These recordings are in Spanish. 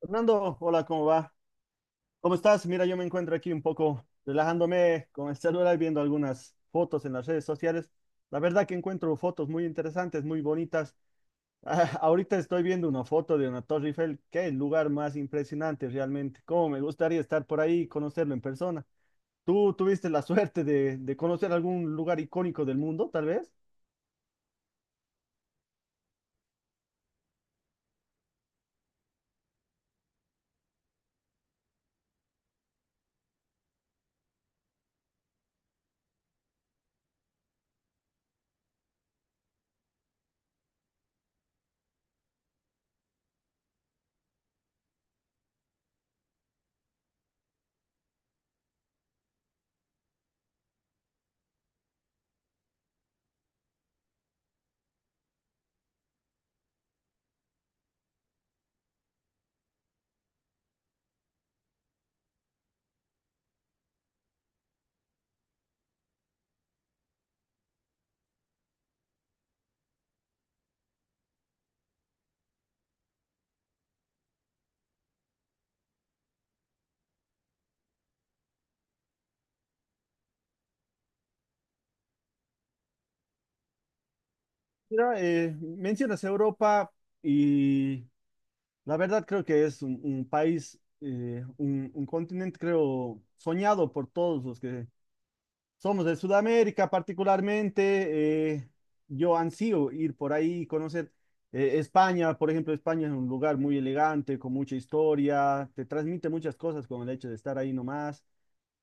Fernando, hola, ¿cómo va? ¿Cómo estás? Mira, yo me encuentro aquí un poco relajándome con el celular, viendo algunas fotos en las redes sociales. La verdad que encuentro fotos muy interesantes, muy bonitas. Ahorita estoy viendo una foto de una Torre Eiffel. Qué lugar más impresionante realmente. Cómo me gustaría estar por ahí y conocerlo en persona. ¿Tú tuviste la suerte de conocer algún lugar icónico del mundo, tal vez? Mira, mencionas Europa y la verdad creo que es un país, un continente creo soñado por todos los que somos de Sudamérica particularmente. Yo ansío ir por ahí, conocer España, por ejemplo. España es un lugar muy elegante, con mucha historia, te transmite muchas cosas con el hecho de estar ahí nomás.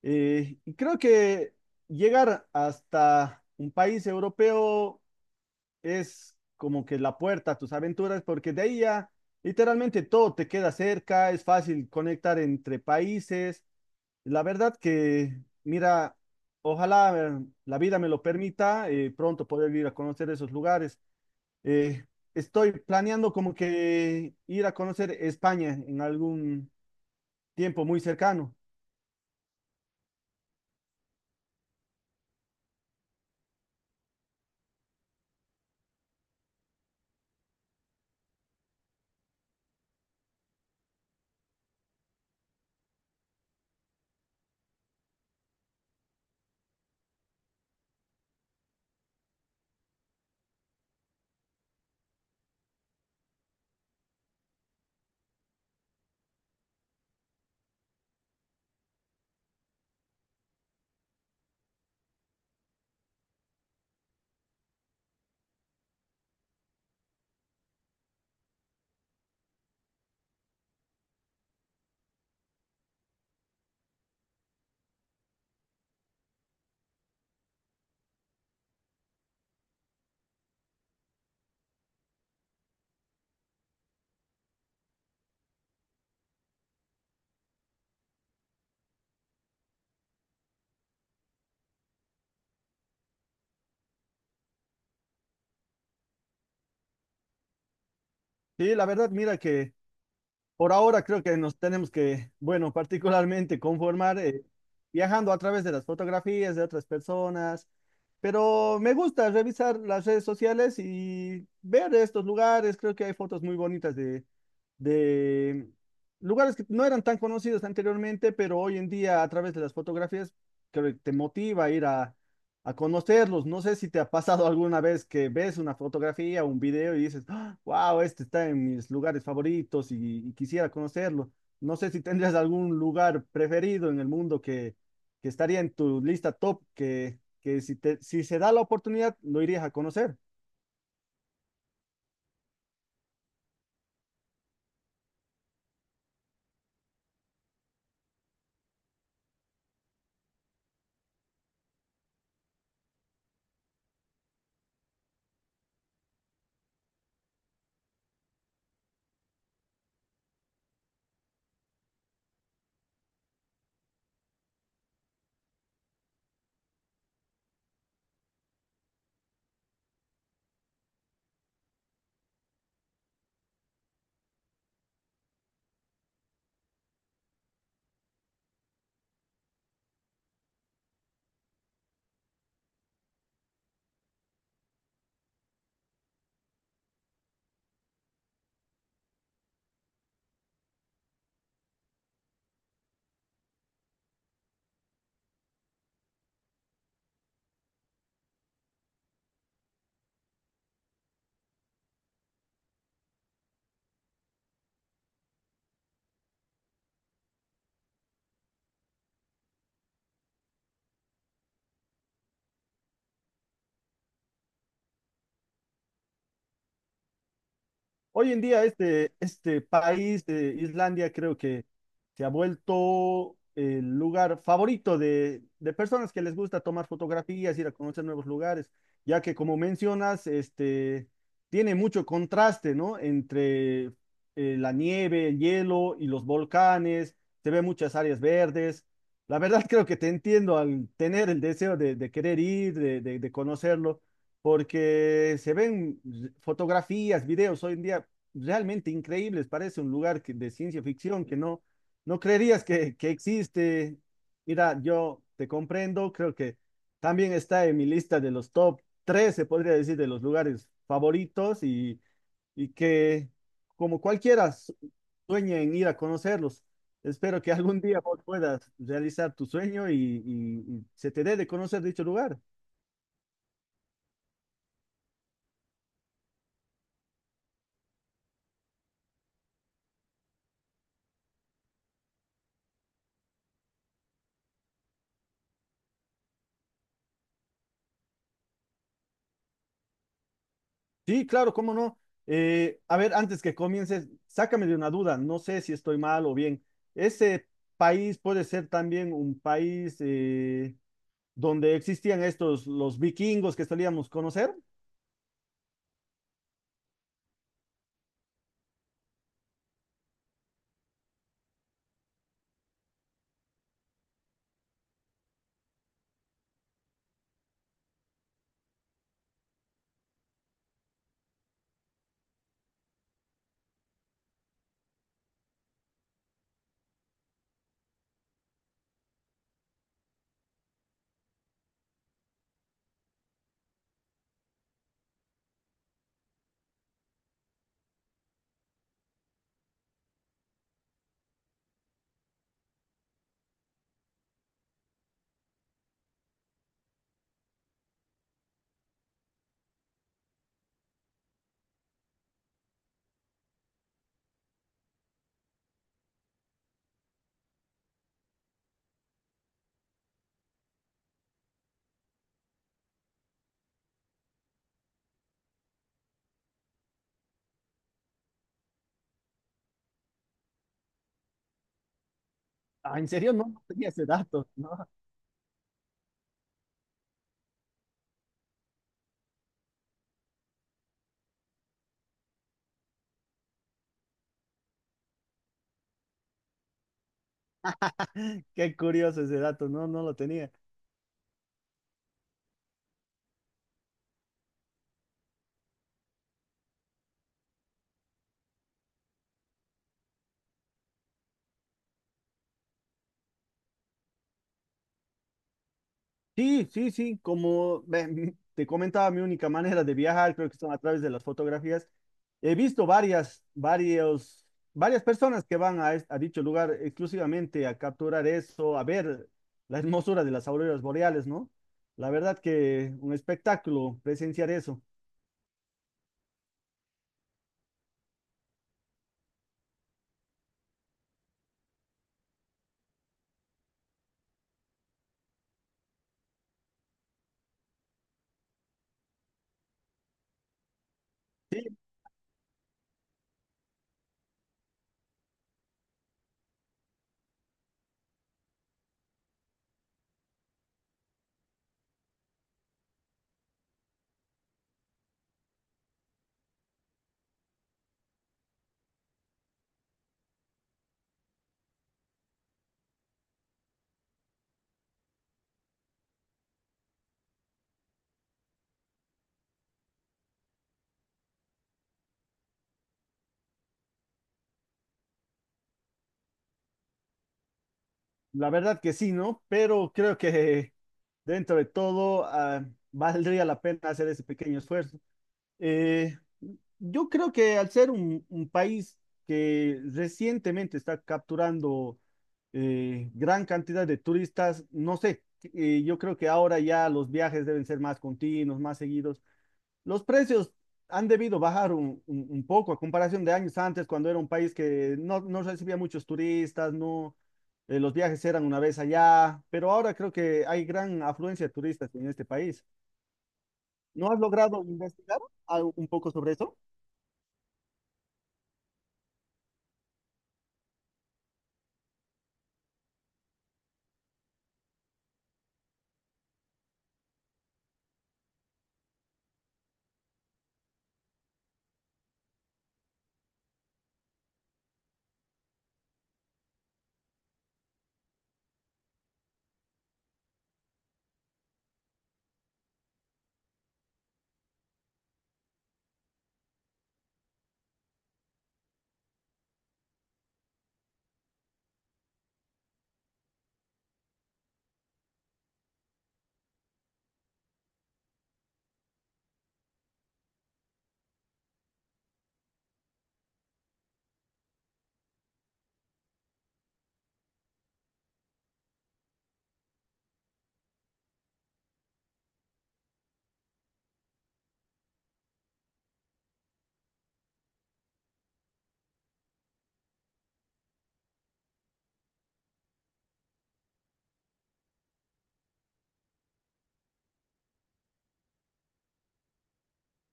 Y creo que llegar hasta un país europeo es como que la puerta a tus aventuras, porque de ahí ya literalmente todo te queda cerca, es fácil conectar entre países. La verdad que, mira, ojalá la vida me lo permita pronto poder ir a conocer esos lugares. Eh, Estoy planeando como que ir a conocer España en algún tiempo muy cercano. Sí, la verdad, mira que... Por ahora creo que nos tenemos que, bueno, particularmente conformar viajando a través de las fotografías de otras personas, pero me gusta revisar las redes sociales y ver estos lugares. Creo que hay fotos muy bonitas de lugares que no eran tan conocidos anteriormente, pero hoy en día a través de las fotografías creo que te motiva a a conocerlos. No sé si te ha pasado alguna vez que ves una fotografía o un video y dices wow, este está en mis lugares favoritos y quisiera conocerlo. No sé si tendrías algún lugar preferido en el mundo que estaría en tu lista top, que si, te, si se da la oportunidad, lo irías a conocer. Hoy en día este, este país, Islandia, creo que se ha vuelto el lugar favorito de personas que les gusta tomar fotografías, ir a conocer nuevos lugares, ya que como mencionas, este, tiene mucho contraste, ¿no? Entre la nieve, el hielo y los volcanes, se ve muchas áreas verdes. La verdad creo que te entiendo al tener el deseo de querer ir, de de conocerlo porque se ven fotografías, videos hoy en día realmente increíbles, parece un lugar de ciencia ficción que no, no creerías que existe. Mira, yo te comprendo, creo que también está en mi lista de los top 3, se podría decir, de los lugares favoritos y que como cualquiera sueña en ir a conocerlos. Espero que algún día vos puedas realizar tu sueño y se te dé de conocer dicho lugar. Sí, claro, cómo no. A ver, antes que comiences, sácame de una duda, no sé si estoy mal o bien. ¿Ese país puede ser también un país donde existían estos, los vikingos que solíamos conocer? Ah, ¿en serio? No, no tenía ese dato, ¿no? Qué curioso ese dato, no, no lo tenía. Sí, sí, sí, como te comentaba, mi única manera de viajar creo que son a través de las fotografías. He visto varias, varios, varias personas que van a, a dicho lugar exclusivamente a capturar eso, a ver la hermosura de las auroras boreales, ¿no? La verdad que un espectáculo presenciar eso. La verdad que sí, ¿no? Pero creo que dentro de todo, ah, valdría la pena hacer ese pequeño esfuerzo. Eh, yo creo que al ser un país que recientemente está capturando gran cantidad de turistas, no sé, yo creo que ahora ya los viajes deben ser más continuos, más seguidos. Los precios han debido bajar un, un poco a comparación de años antes, cuando era un país que no, no recibía muchos turistas, no, los viajes eran una vez allá, pero ahora creo que hay gran afluencia de turistas en este país. ¿No has logrado investigar un poco sobre eso?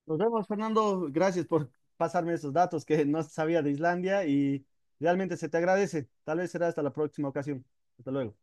Nos vemos, Fernando. Gracias por pasarme esos datos que no sabía de Islandia y realmente se te agradece. Tal vez será hasta la próxima ocasión. Hasta luego.